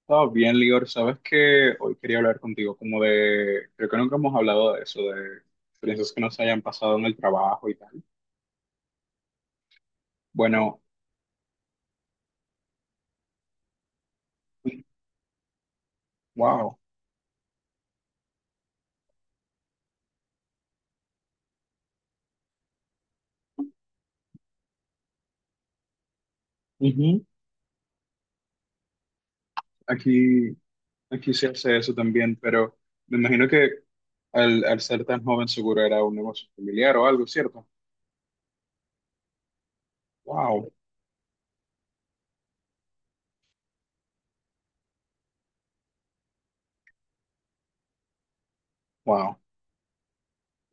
Estaba bien, Lior. Sabes que hoy quería hablar contigo creo que nunca hemos hablado de eso, de experiencias que nos hayan pasado en el trabajo y tal. Bueno, wow. Ujú. Aquí, aquí se hace eso también, pero me imagino que al ser tan joven seguro era un negocio familiar o algo, ¿cierto? Wow, wow.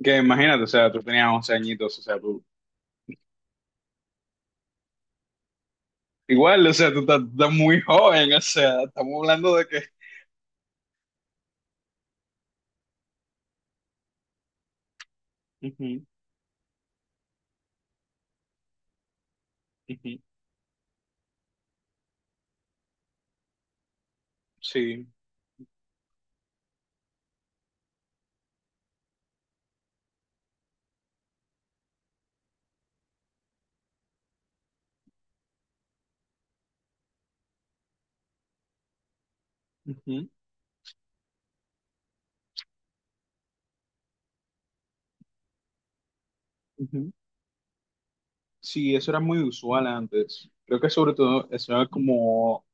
Que imagínate, o sea, tú tenías 11 añitos, o sea, tú, igual, o sea, tú estás, estás muy joven, o sea, estamos hablando de que... Ujú, ujú. Sí. Ujú, ujú. Sí, eso era muy usual antes. Creo que sobre todo eso era como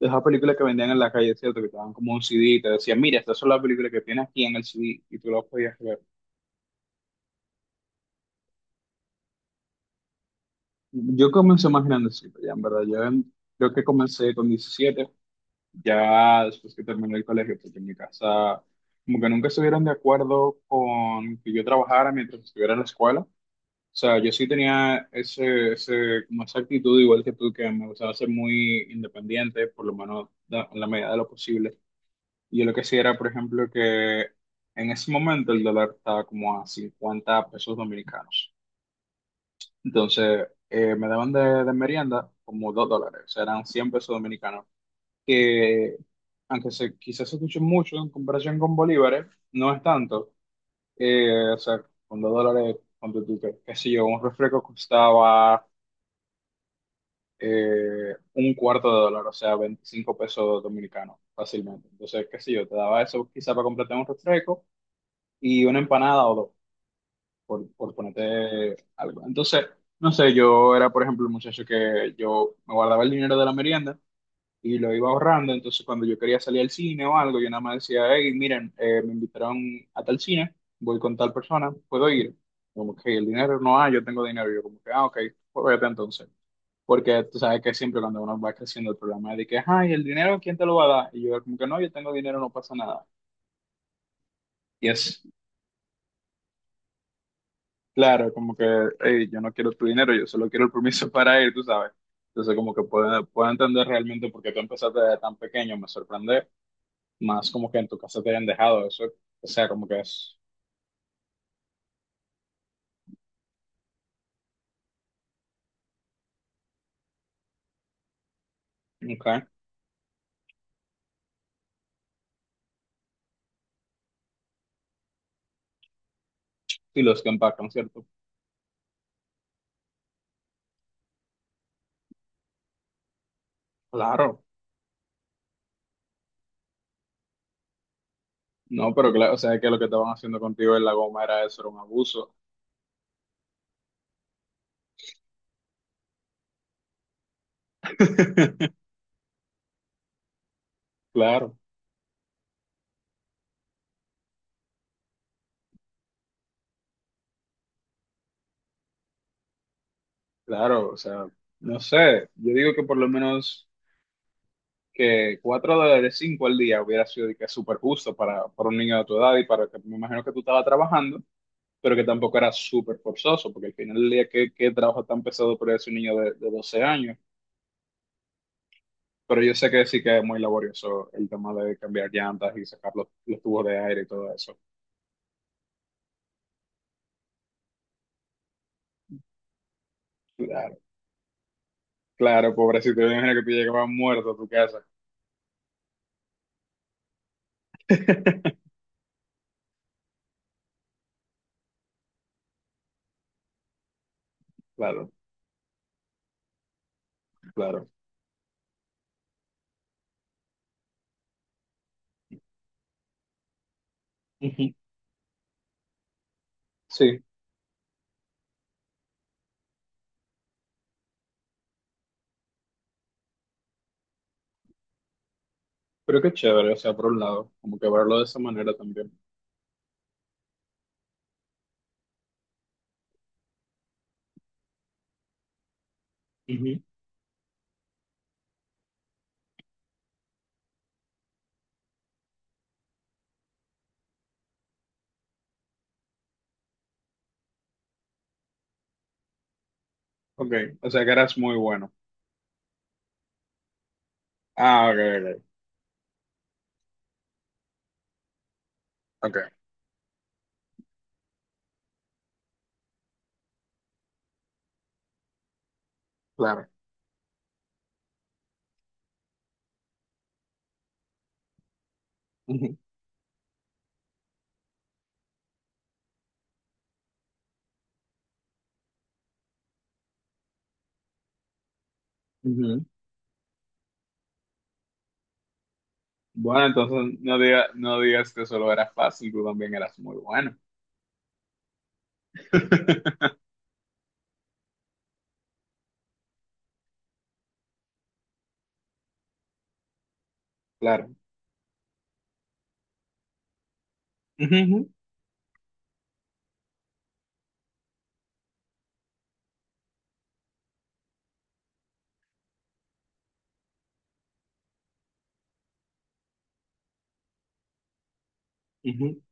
de esas películas que vendían en la calle, ¿cierto? Que te daban como un CD y te decían, mira, estas son las películas que tienes aquí en el CD y tú las podías ver. Yo comencé más grandecito, ya en verdad. Creo que comencé con 17, ya después que terminé el colegio, porque en mi casa como que nunca estuvieron de acuerdo con que yo trabajara mientras estuviera en la escuela. O sea, yo sí tenía como esa actitud igual que tú, que me gustaba ser muy independiente, por lo menos en la medida de lo posible. Y yo lo que sí era, por ejemplo, que en ese momento el dólar estaba como a 50 pesos dominicanos. Entonces, me daban de merienda como 2 dólares, o sea, eran 100 pesos dominicanos, que aunque se, quizás se escuche mucho en comparación con bolívares, no es tanto. O sea, con 2 dólares, ponte tú, qué sé yo, un refresco costaba un cuarto de dólar, o sea, 25 pesos dominicanos, fácilmente. Entonces, qué sé yo, te daba eso quizá para completar un refresco y una empanada o dos, por ponerte algo. Entonces, no sé, yo era, por ejemplo, el muchacho que yo me guardaba el dinero de la merienda y lo iba ahorrando, entonces cuando yo quería salir al cine o algo, yo nada más decía, hey, miren, me invitaron a tal cine, voy con tal persona, ¿puedo ir? Como que el dinero no hay, yo tengo dinero. Yo como que, ah, ok, pues vete entonces. Porque tú sabes que siempre cuando uno va creciendo el problema es de que, ay, el dinero, ¿quién te lo va a dar? Y yo como que no, yo tengo dinero, no pasa nada. Y es claro, como que, "Ey, yo no quiero tu dinero, yo solo quiero el permiso para ir, tú sabes. Entonces como que puedo entender realmente por qué tú empezaste desde tan pequeño, me sorprende más como que en tu casa te hayan dejado eso. O sea, como que es, ok, y los que empacan, ¿cierto? Claro, no, pero claro, o sea, que lo que estaban haciendo contigo en la goma era eso, era un abuso, claro. Claro, o sea, no sé, yo digo que por lo menos que 4 dólares 5 al día hubiera sido de que súper justo para un niño de tu edad y para que me imagino que tú estabas trabajando, pero que tampoco era súper forzoso, porque al final del día, ¿qué, qué trabajo tan pesado para ese niño de 12 años? Pero yo sé que sí que es muy laborioso el tema de cambiar llantas y sacar los tubos de aire y todo eso. Claro, claro, pobrecito, yo me imagino que tú llegabas muerto a tu casa. Claro, claro. Ujú. Sí, pero qué chévere, o sea, por un lado, como que verlo de esa manera también. Ujú. Ok, o sea que eras muy bueno. Ah, ok, ok, ok, claro. Ujú, ujú. Bueno, entonces no digas que solo eras fácil, tú también eras muy bueno. Claro. Ujú, ujú, ujú.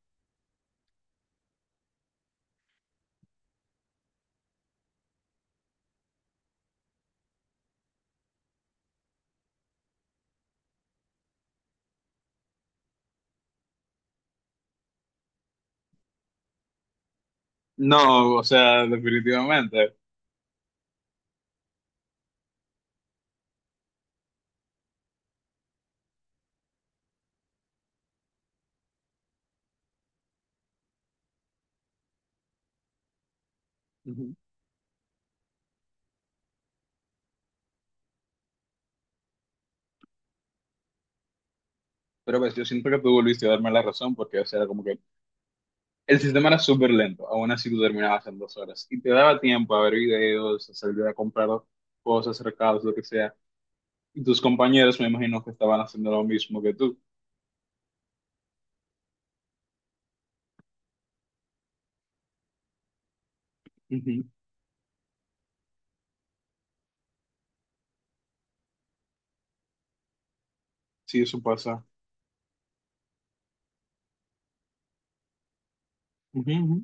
No, o sea, definitivamente. Ujú. Pero pues yo siento que tú volviste a darme la razón porque, o sea, era como que el sistema era súper lento, aún así tú terminabas en 2 horas y te daba tiempo a ver videos, a salir a comprar cosas, recados, lo que sea. Y tus compañeros me imagino que estaban haciendo lo mismo que tú. Ujú, sí, eso pasa. Ujú, ujú.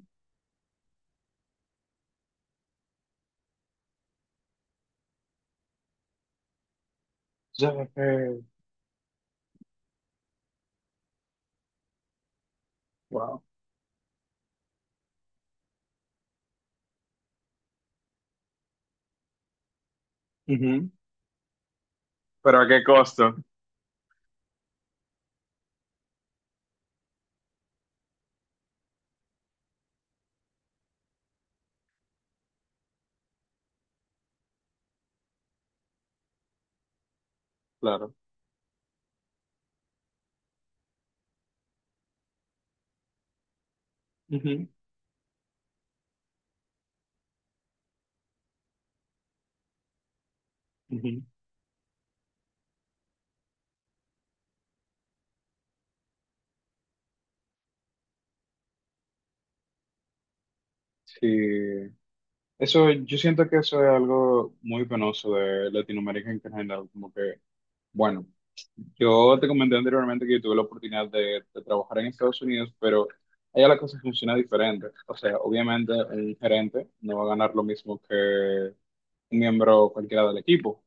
Ya, wow. Ujú, pero a qué costo, claro. Ujú, ujú. Sí. Eso, yo siento que eso es algo muy penoso de Latinoamérica en general. Como que, bueno, yo te comenté anteriormente que yo tuve la oportunidad de trabajar en Estados Unidos, pero allá la cosa funciona diferente. O sea, obviamente un gerente no va a ganar lo mismo que un miembro cualquiera del equipo,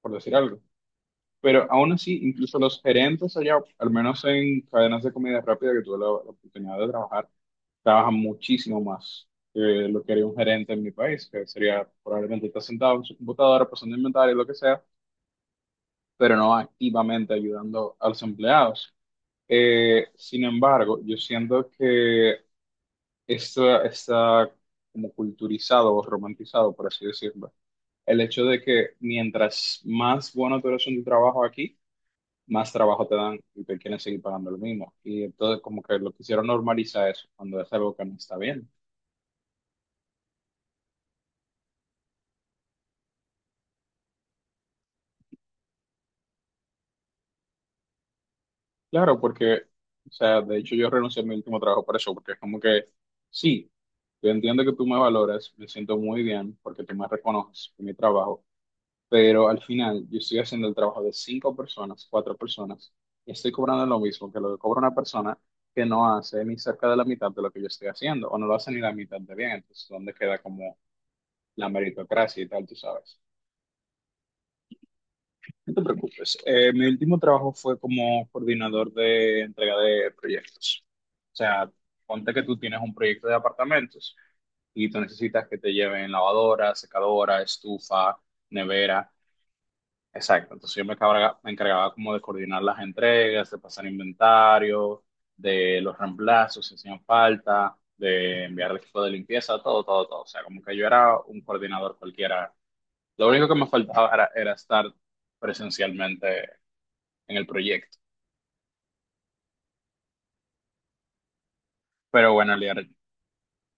por decir algo. Pero aún así, incluso los gerentes allá, al menos en cadenas de comida rápida que tuve la oportunidad de trabajar, trabajan muchísimo más que lo que haría un gerente en mi país, que sería probablemente estar sentado en su computadora, pasando inventario, lo que sea, pero no activamente ayudando a los empleados. Sin embargo, yo siento que esto está como culturizado o romantizado, por así decirlo. El hecho de que mientras más bueno tú eres en tu trabajo aquí, más trabajo te dan y te quieren seguir pagando lo mismo. Y entonces como que lo quisieron normalizar eso cuando es algo que no está bien. Claro, porque, o sea, de hecho yo renuncié a mi último trabajo por eso, porque es como que, sí, yo entiendo que tú me valoras, me siento muy bien porque tú me reconoces por mi trabajo, pero al final yo estoy haciendo el trabajo de cinco personas, cuatro personas, y estoy cobrando lo mismo que lo que cobra una persona que no hace ni cerca de la mitad de lo que yo estoy haciendo, o no lo hace ni la mitad de bien, entonces, ¿dónde queda como la meritocracia y tal, tú sabes? No te preocupes. Mi último trabajo fue como coordinador de entrega de proyectos. O sea, ponte que tú tienes un proyecto de apartamentos y tú necesitas que te lleven lavadora, secadora, estufa, nevera. Exacto. Entonces me encargaba, como de coordinar las entregas, de pasar inventario, de los reemplazos si hacían falta, de enviar el equipo de limpieza, todo, todo, todo. O sea, como que yo era un coordinador cualquiera. Lo único que me faltaba era estar presencialmente en el proyecto. Pero bueno, Liar,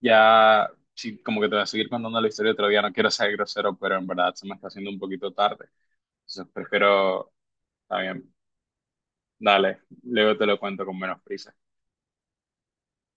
ya sí, como que te voy a seguir contando la historia otro día. No quiero ser grosero, pero en verdad se me está haciendo un poquito tarde. Entonces prefiero, está bien, dale, luego te lo cuento con menos prisa.